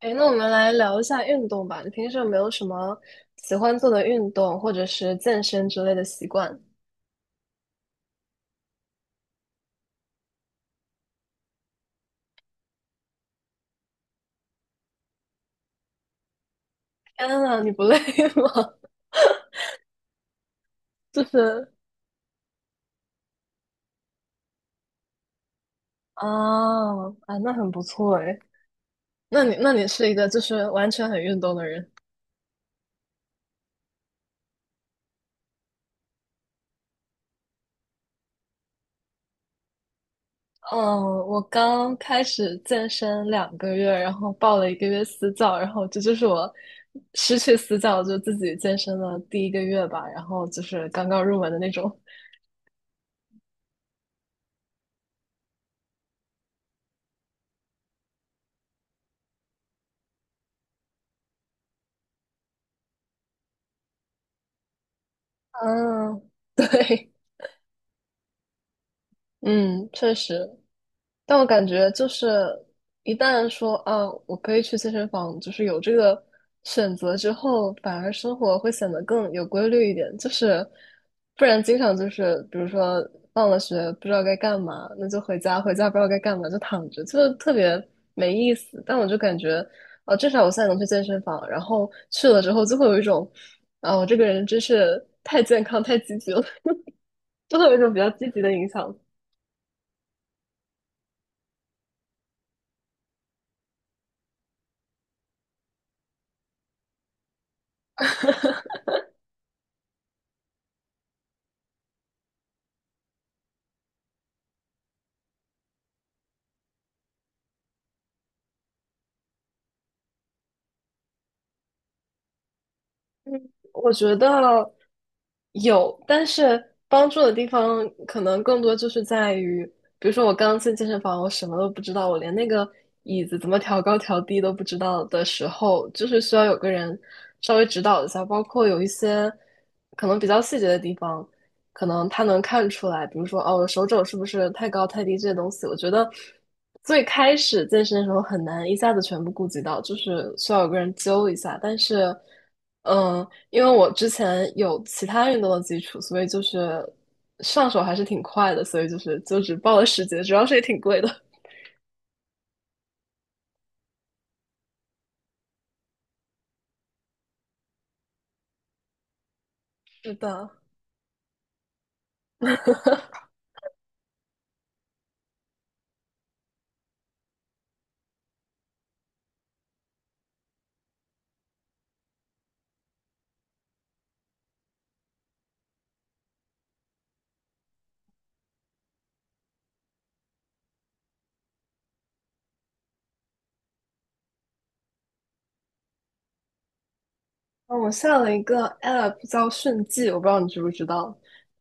哎，那我们来聊一下运动吧。你平时有没有什么喜欢做的运动，或者是健身之类的习惯？天呐，你不累 吗？就是啊啊，那很不错哎。那你是一个就是完全很运动的人。嗯，我刚开始健身2个月，然后报了一个月私教，然后这就是我失去私教就自己健身的第1个月吧，然后就是刚刚入门的那种。嗯，对。嗯，确实。但我感觉就是，一旦说啊，我可以去健身房，就是有这个选择之后，反而生活会显得更有规律一点。就是不然，经常就是，比如说放了学不知道该干嘛，那就回家，回家不知道该干嘛就躺着，就是特别没意思。但我就感觉，啊，至少我现在能去健身房，然后去了之后就会有一种，啊，我这个人真是太健康、太积极了。就会有一种比较积极的影响。我觉得有，但是帮助的地方可能更多就是在于，比如说我刚进健身房，我什么都不知道，我连那个椅子怎么调高调低都不知道的时候，就是需要有个人稍微指导一下，包括有一些可能比较细节的地方，可能他能看出来，比如说哦，我手肘是不是太高太低这些东西，我觉得最开始健身的时候很难一下子全部顾及到，就是需要有个人揪一下，但是。嗯，因为我之前有其他运动的基础，所以就是上手还是挺快的，所以就只报了10节，主要是也挺贵的。是的。嗯，我下了一个 app 叫迅记，我不知道你知不知道，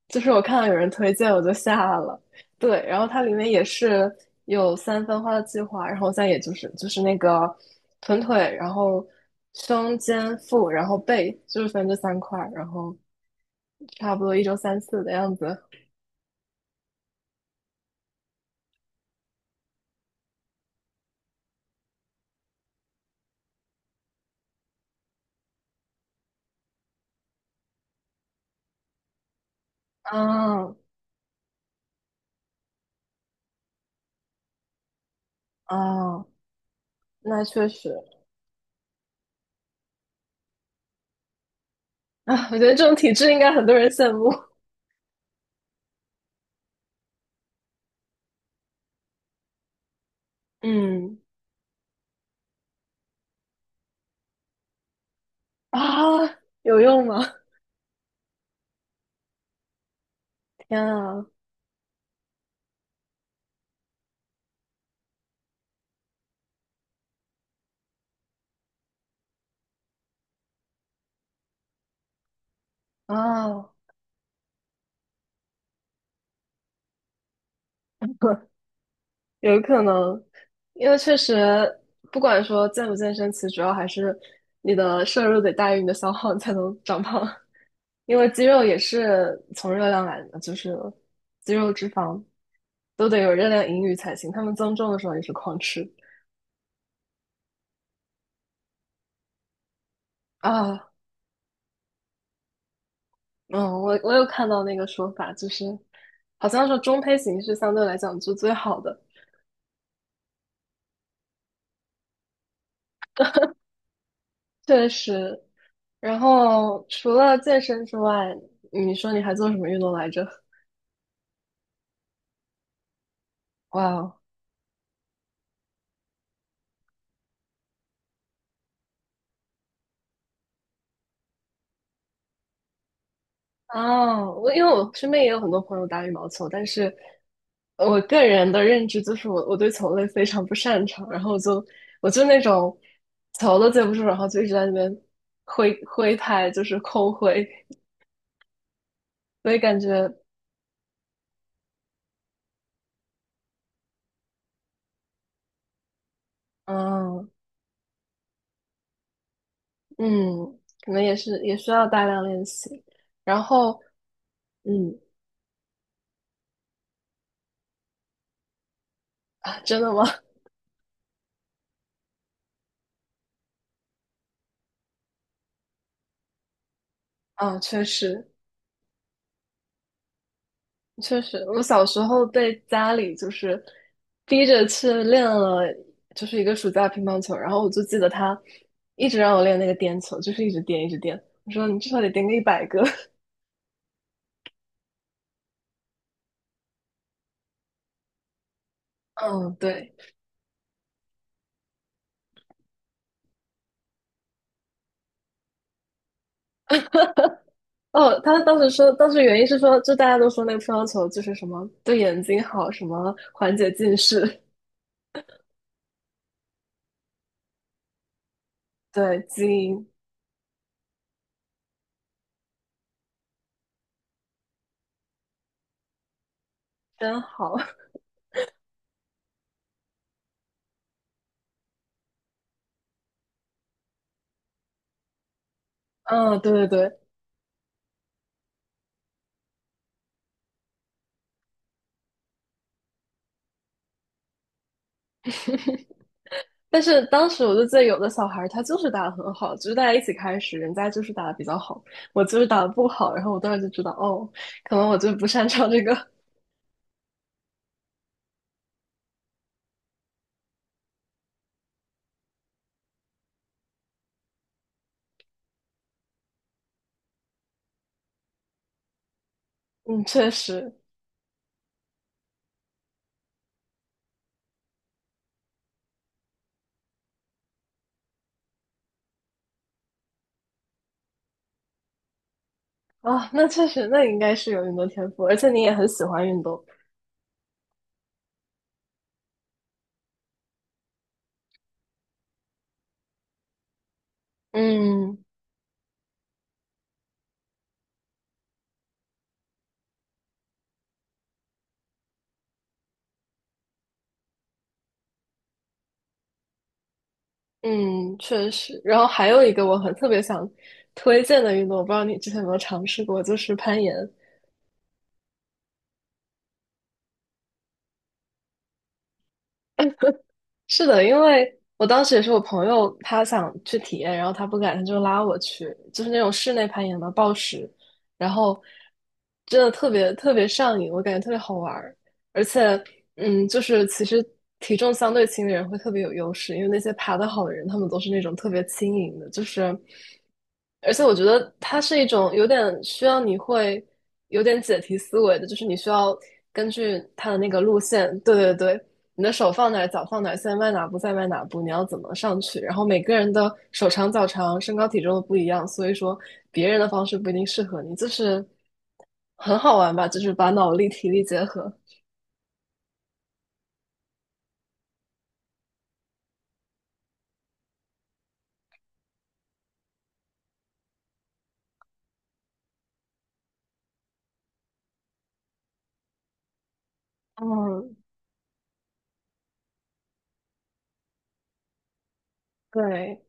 就是我看到有人推荐，我就下了。对，然后它里面也是有三分化的计划，然后再也就是就是那个臀腿，然后胸肩腹，然后背，就是分这三块儿然后差不多一周三次的样子。嗯。哦，那确实啊，我觉得这种体质应该很多人羡慕。嗯，啊，有用吗？天啊。啊，有可能，因为确实不管说健不健身，其实主要还是你的摄入得大于你的消耗，你才能长胖。因为肌肉也是从热量来的，就是肌肉、脂肪都得有热量盈余才行。他们增重的时候也是狂吃啊。嗯，我有看到那个说法，就是好像是中胚型是相对来讲是最好的。确实。然后除了健身之外，你说你还做什么运动来着？哇哦。哦，我因为我身边也有很多朋友打羽毛球，但是我个人的认知就是我对球类非常不擅长，然后我就那种球都接不住，然后就一直在那边挥挥拍，就是空挥，所以感觉嗯。嗯，可能也是也需要大量练习。然后，嗯，啊，真的吗？啊，确实确实，我小时候被家里就是逼着去练了，就是一个暑假乒乓球。然后我就记得他一直让我练那个颠球，就是一直颠一直颠。我说你至少得颠个100个。嗯，对。哦，他当时说，当时原因是说，就大家都说那个乒乓球就是什么对眼睛好，什么缓解近视。对，基因真好。嗯，对对对，但是当时我就记得有的小孩儿他就是打得很好，就是大家一起开始，人家就是打得比较好，我就是打得不好，然后我当时就知道，哦，可能我就不擅长这个。嗯，确实啊，那确实，那应该是有运动天赋，而且你也很喜欢运动。嗯。嗯，确实。然后还有一个我很特别想推荐的运动，我不知道你之前有没有尝试过，就是攀岩。是的，因为我当时也是我朋友，他想去体验，然后他不敢，他就拉我去，就是那种室内攀岩嘛，暴食，然后真的特别特别上瘾，我感觉特别好玩儿。而且，嗯，就是其实体重相对轻的人会特别有优势，因为那些爬得好的人，他们都是那种特别轻盈的，就是，而且我觉得它是一种有点需要你会有点解题思维的，就是你需要根据它的那个路线，对对对，你的手放哪儿，脚放哪儿，现在迈哪步，再迈哪步，你要怎么上去？然后每个人的手长脚长、身高体重都不一样，所以说别人的方式不一定适合你，就是很好玩吧，就是把脑力体力结合。嗯，对，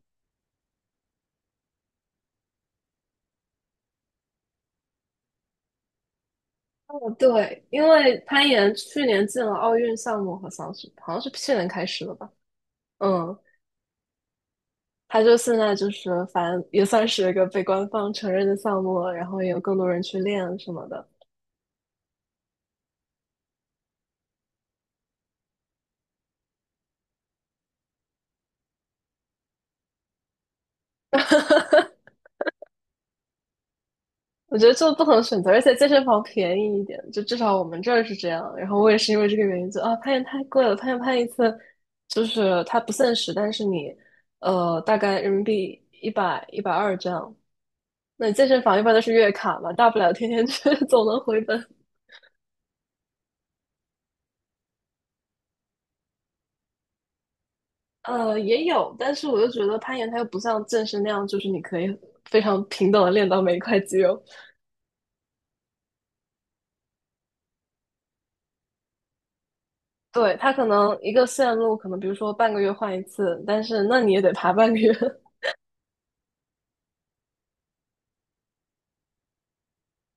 哦，对，因为攀岩去年进了奥运项目和像是好像是去年开始的吧？嗯，他就现在就是反正也算是一个被官方承认的项目了，然后也有更多人去练什么的。我觉得做不同的选择，而且健身房便宜一点，就至少我们这儿是这样。然后我也是因为这个原因，就啊，攀岩太贵了，攀岩攀一次就是它不限时，但是你大概人民币一百一百二这样。那健身房一般都是月卡嘛，大不了天天去，总能回本。呃，也有，但是我又觉得攀岩它又不像健身那样，就是你可以非常平等的练到每一块肌肉。对，它可能一个线路，可能比如说半个月换一次，但是那你也得爬半个月。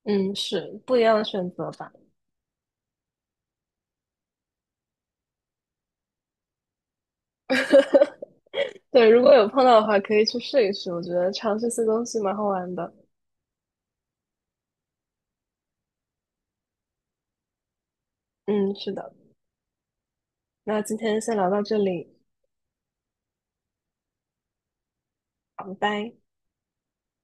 嗯，是不一样的选择吧。对，如果有碰到的话，可以去试一试。我觉得尝试新东西蛮好玩的。嗯，是的。那今天先聊到这里，好，拜拜。